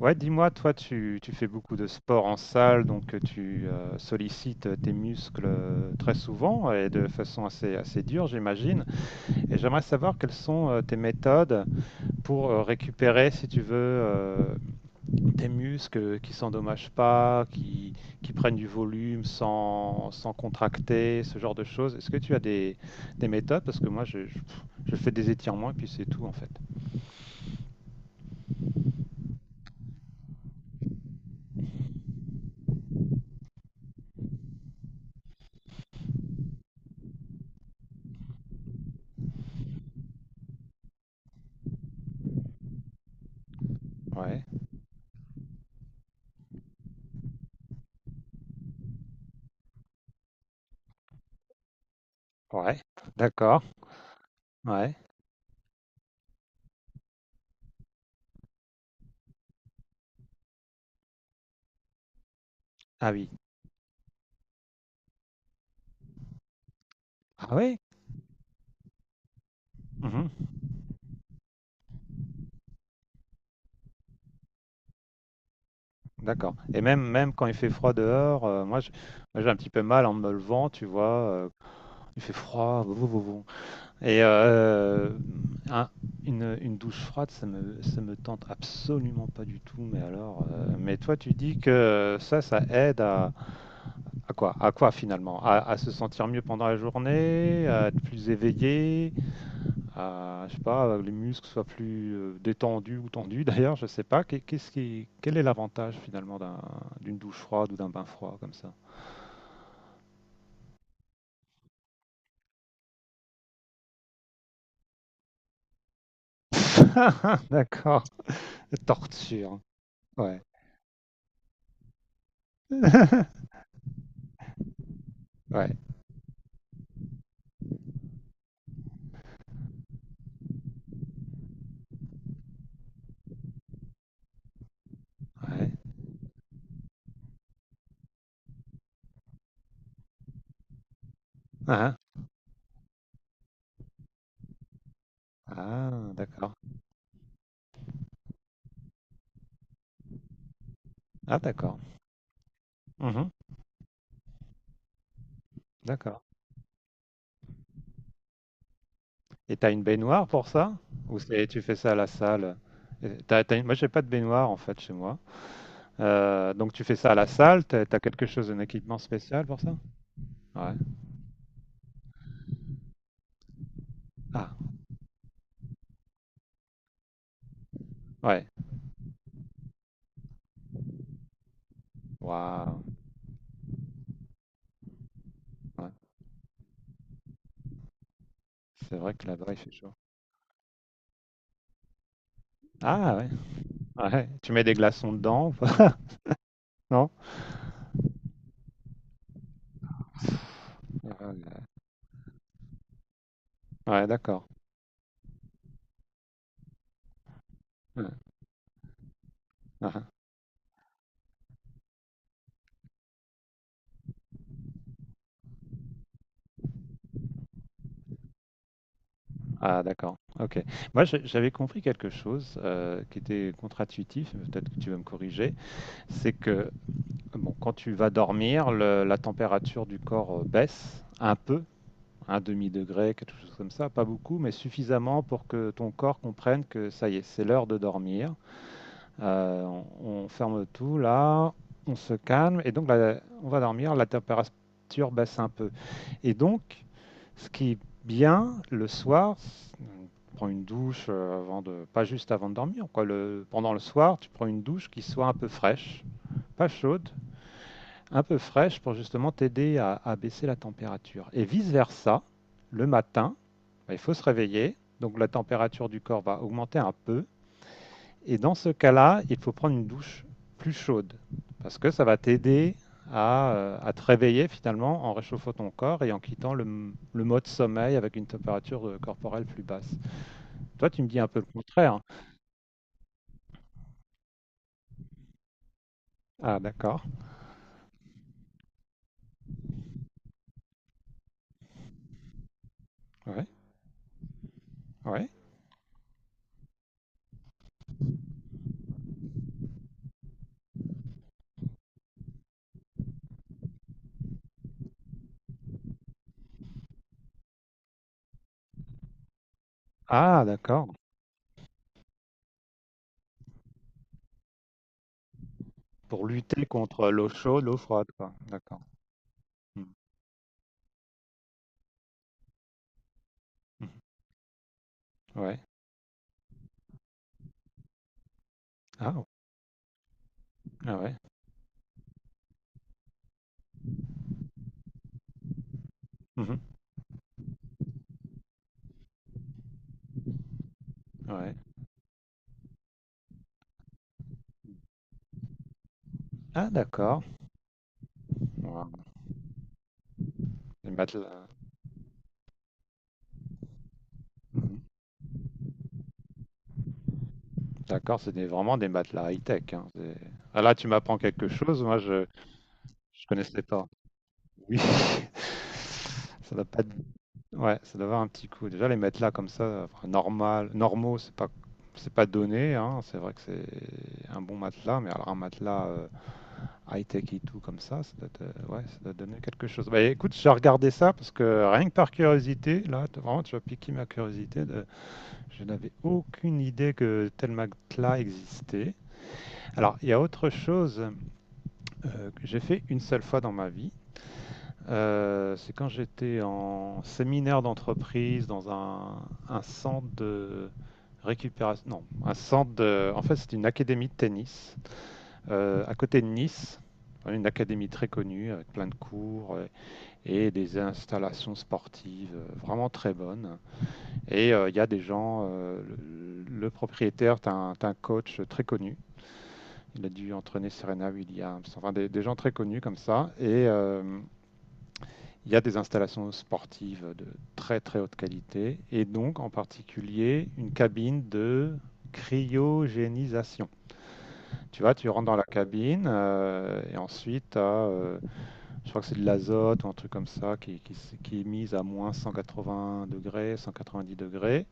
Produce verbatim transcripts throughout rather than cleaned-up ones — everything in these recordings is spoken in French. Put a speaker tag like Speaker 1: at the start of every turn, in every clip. Speaker 1: Ouais, dis-moi, toi, tu, tu fais beaucoup de sport en salle, donc euh, tu euh, sollicites tes muscles euh, très souvent et de façon assez, assez dure, j'imagine. Et j'aimerais savoir quelles sont euh, tes méthodes pour euh, récupérer, si tu veux, euh, tes muscles qui s'endommagent pas, qui, qui prennent du volume sans, sans contracter, ce genre de choses. Est-ce que tu as des, des méthodes? Parce que moi, je, je, je fais des étirements et puis c'est tout, en fait. Ouais, ouais, d'accord, ouais. Ah oui. Ah oui? D'accord. Et même, même quand il fait froid dehors, euh, moi je- moi, j'ai un petit peu mal en me levant, tu vois. Euh, il fait froid, vou, vou, vou, vou. Et euh, euh, un- une, une douche froide, ça me, ça me tente absolument pas du tout. Mais alors, euh, mais toi, tu dis que ça, ça aide à, à quoi? À quoi finalement? À, à se sentir mieux pendant la journée, à être plus éveillé, à, je sais pas, les muscles soient plus euh, détendus ou tendus d'ailleurs, je sais pas. Qu'est- Qu'est-ce qui, quel est l'avantage finalement d'un- d'une douche froide ou d'un bain froid comme ça? D'accord. Torture. Ouais. Ouais. Ouais. Ah, hein. Ah, d'accord. Ah, d'accord. Mhm. D'accord. Et t'as une baignoire pour ça? Ou c'est- tu fais ça à la salle? Euh, T'as, t'as une- Moi, j'ai pas de baignoire en fait chez moi. Euh, donc tu fais ça à la salle? T'as, t'as quelque chose, un équipement spécial pour ça? Ouais. Ah, ouais. Waouh, ouais. C'est vrai que là-bas, il fait chaud. Ah ouais, ouais. Tu mets des glaçons dedans ou pas? Non? Ah, ouais, ouais, d'accord. Ouais. Ah, ah. Ah, d'accord. Ok. Moi, je- j'avais compris quelque chose euh, qui était contre-intuitif, mais peut-être que tu vas me corriger. C'est que, bon, quand tu vas dormir, le- la température du corps euh, baisse un peu, un demi-degré, quelque chose comme ça. Pas beaucoup, mais suffisamment pour que ton corps comprenne que ça y est, c'est l'heure de dormir. Euh, on, on ferme tout là, on se calme et donc là, on va dormir, la température baisse un peu. Et donc, ce qui est bien le soir, on prend une douche euh, avant de, pas juste avant de dormir, quoi. Le, pendant le soir, tu prends une douche qui soit un peu fraîche, pas chaude, un peu fraîche pour justement t'aider à, à baisser la température. Et vice-versa, le matin, bah, il faut se réveiller, donc la température du corps va augmenter un peu. Et dans ce cas-là, il faut prendre une douche plus chaude parce que ça va t'aider à, euh, à te réveiller finalement en réchauffant ton corps et en quittant le, m- le mode sommeil avec une température euh, corporelle plus basse. Toi, tu me dis un peu le contraire. Ah, d'accord. Ouais, ouais. Ah, d'accord. Pour lutter contre l'eau chaude, l'eau froide, quoi. D'accord. Mm. Mhm. Ouais. Ah, ouais. Ah ouais. Mhm. Ouais. Ah, d'accord. Wow. Les matelas. D'accord, c'est des- vraiment des matelas high-tech, hein, c'est- ah, là, tu m'apprends quelque chose, moi je je connaissais pas. Oui, ça doit pas être- ouais, ça doit avoir un petit coup. Déjà les matelas comme ça, enfin, normal, normaux, c'est pas c'est pas donné, hein. C'est vrai que c'est un bon matelas, mais alors un matelas euh, high-tech et tout comme ça, ça doit, te- ouais, ça doit donner quelque chose. Bah écoute, je vais regarder ça parce que rien que par curiosité, là, t- vraiment tu as piqué ma curiosité. de- Je n'avais aucune idée que tel matelas existait. Alors, il y a autre chose euh, que j'ai fait une seule fois dans ma vie. Euh, c'est quand j'étais en séminaire d'entreprise dans un, un centre de récupération. Non, un centre de. En fait, c'est une académie de tennis euh, à côté de Nice. Enfin, une académie très connue avec plein de cours euh, et des installations sportives euh, vraiment très bonnes. Et euh, il euh, y a des gens, euh, le, le propriétaire, t'as un, t'as un coach très connu. Il a dû entraîner Serena Williams, enfin des, des gens très connus comme ça. Et euh, il y a des installations sportives de très très haute qualité, et donc en particulier une cabine de cryogénisation. Tu vois, tu rentres dans la cabine euh, et ensuite, t'as, euh, je crois que c'est de l'azote ou un truc comme ça qui, qui, qui est mise à moins cent quatre-vingts degrés, cent quatre-vingt-dix degrés.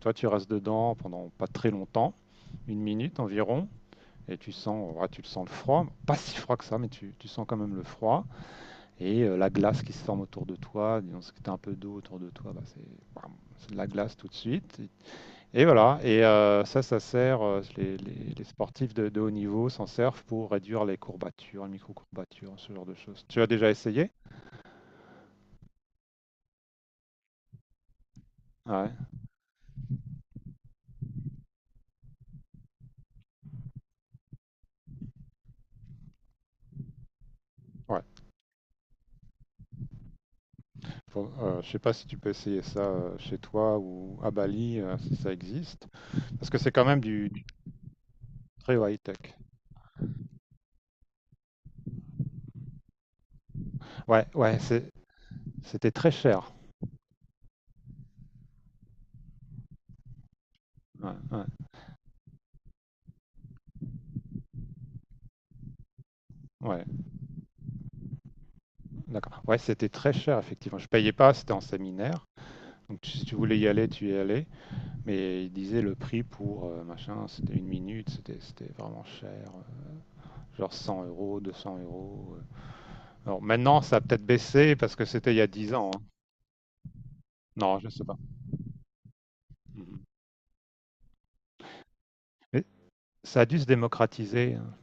Speaker 1: Toi, tu restes dedans pendant pas très longtemps, une minute environ, et tu sens, ouais, tu le sens le froid, pas si froid que ça, mais tu, tu sens quand même le froid et euh, la glace qui se forme autour de toi. Disons, si tu as un peu d'eau autour de toi, bah, c'est bam, c'est de la glace tout de suite. Et voilà, et euh, ça, ça sert, euh, les, les- les sportifs de de haut niveau s'en servent pour réduire les courbatures, les micro-courbatures, ce genre de choses. Tu as déjà essayé? Ouais. Ouais. Faut- euh, je sais pas si tu peux essayer ça euh, chez toi ou à Bali, euh, si ça existe. Parce que c'est quand même du, du très high-tech. Ouais, ouais, c'est- c'était très cher. Ouais, ouais, ouais, d'accord. Ouais, c'était très cher, effectivement. Je payais pas, c'était en séminaire. Donc tu- si tu voulais y aller, tu y allais. Mais ils disaient le prix pour euh, machin, c'était une minute, c'était c'était vraiment cher. euh, Genre cent euros, deux cents euros. euh. Alors maintenant, ça a peut-être baissé parce que c'était il y a dix ans, hein. Non, je sais pas. Mhm. Mais ça a dû se démocratiser, hein.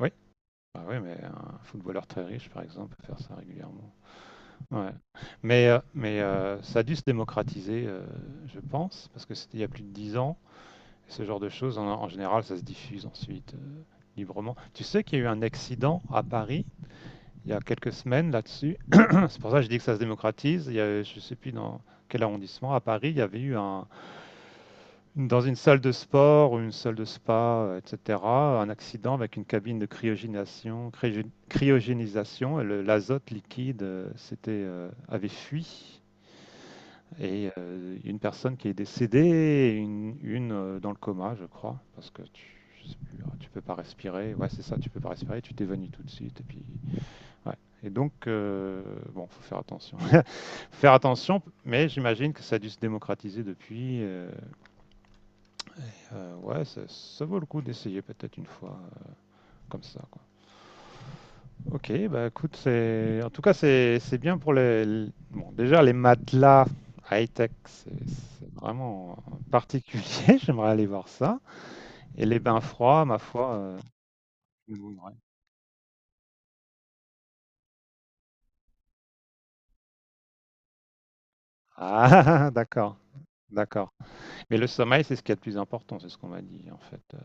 Speaker 1: Oui. Bah oui, mais un footballeur très riche, par exemple, peut faire ça régulièrement. Ouais. Mais, euh, mais euh, ça a dû se démocratiser, euh, je pense, parce que c'était il y a plus de dix ans. Ce genre de choses, en, en général, ça se diffuse ensuite euh, librement. Tu sais qu'il y a eu un accident à Paris il y a quelques semaines là-dessus. C'est pour ça que je dis que ça se démocratise. Il y a, je ne sais plus dans quel arrondissement à Paris, il y avait eu un, dans une salle de sport ou une salle de spa, et cetera, un accident avec une cabine de cryogénisation. Cryogénisation et le- l'azote liquide euh, s'était, euh, avait fui et euh, une personne qui est décédée et une, une, euh, dans le coma, je crois, parce que tu, je sais plus, tu peux pas respirer. Ouais, c'est ça, tu peux pas respirer, tu t'évanouis tout de suite. Et puis, ouais. Et donc, euh, bon, faut faire attention. Faut faire attention, mais j'imagine que ça a dû se démocratiser depuis. Euh, euh, ouais, ça, ça vaut le coup d'essayer peut-être une fois euh, comme ça, quoi. Ok, bah écoute, c'est en tout cas c'est c'est bien pour les les- bon, déjà les matelas high-tech, c'est c'est vraiment particulier, j'aimerais aller voir ça. Et les bains froids, ma foi, euh, je me mouillerai. Ah, d'accord, d'accord. Mais le sommeil, c'est ce qui est le plus important, c'est ce qu'on m'a dit en fait. euh,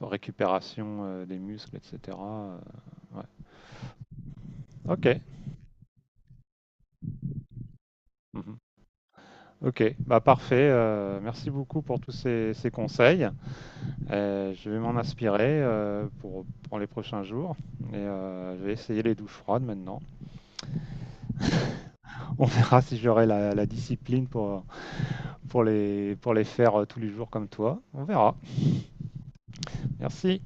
Speaker 1: Récupération euh, des muscles, et cetera euh, ouais. Ok, mhm. Ok, bah parfait. Euh, merci beaucoup pour tous ces, ces conseils. Euh, je vais m'en inspirer euh, pour, pour les prochains jours. Et euh, je vais essayer les douches froides maintenant. On verra si j'aurai la, la discipline pour, pour, les, pour les faire euh, tous les jours comme toi. On verra. Merci.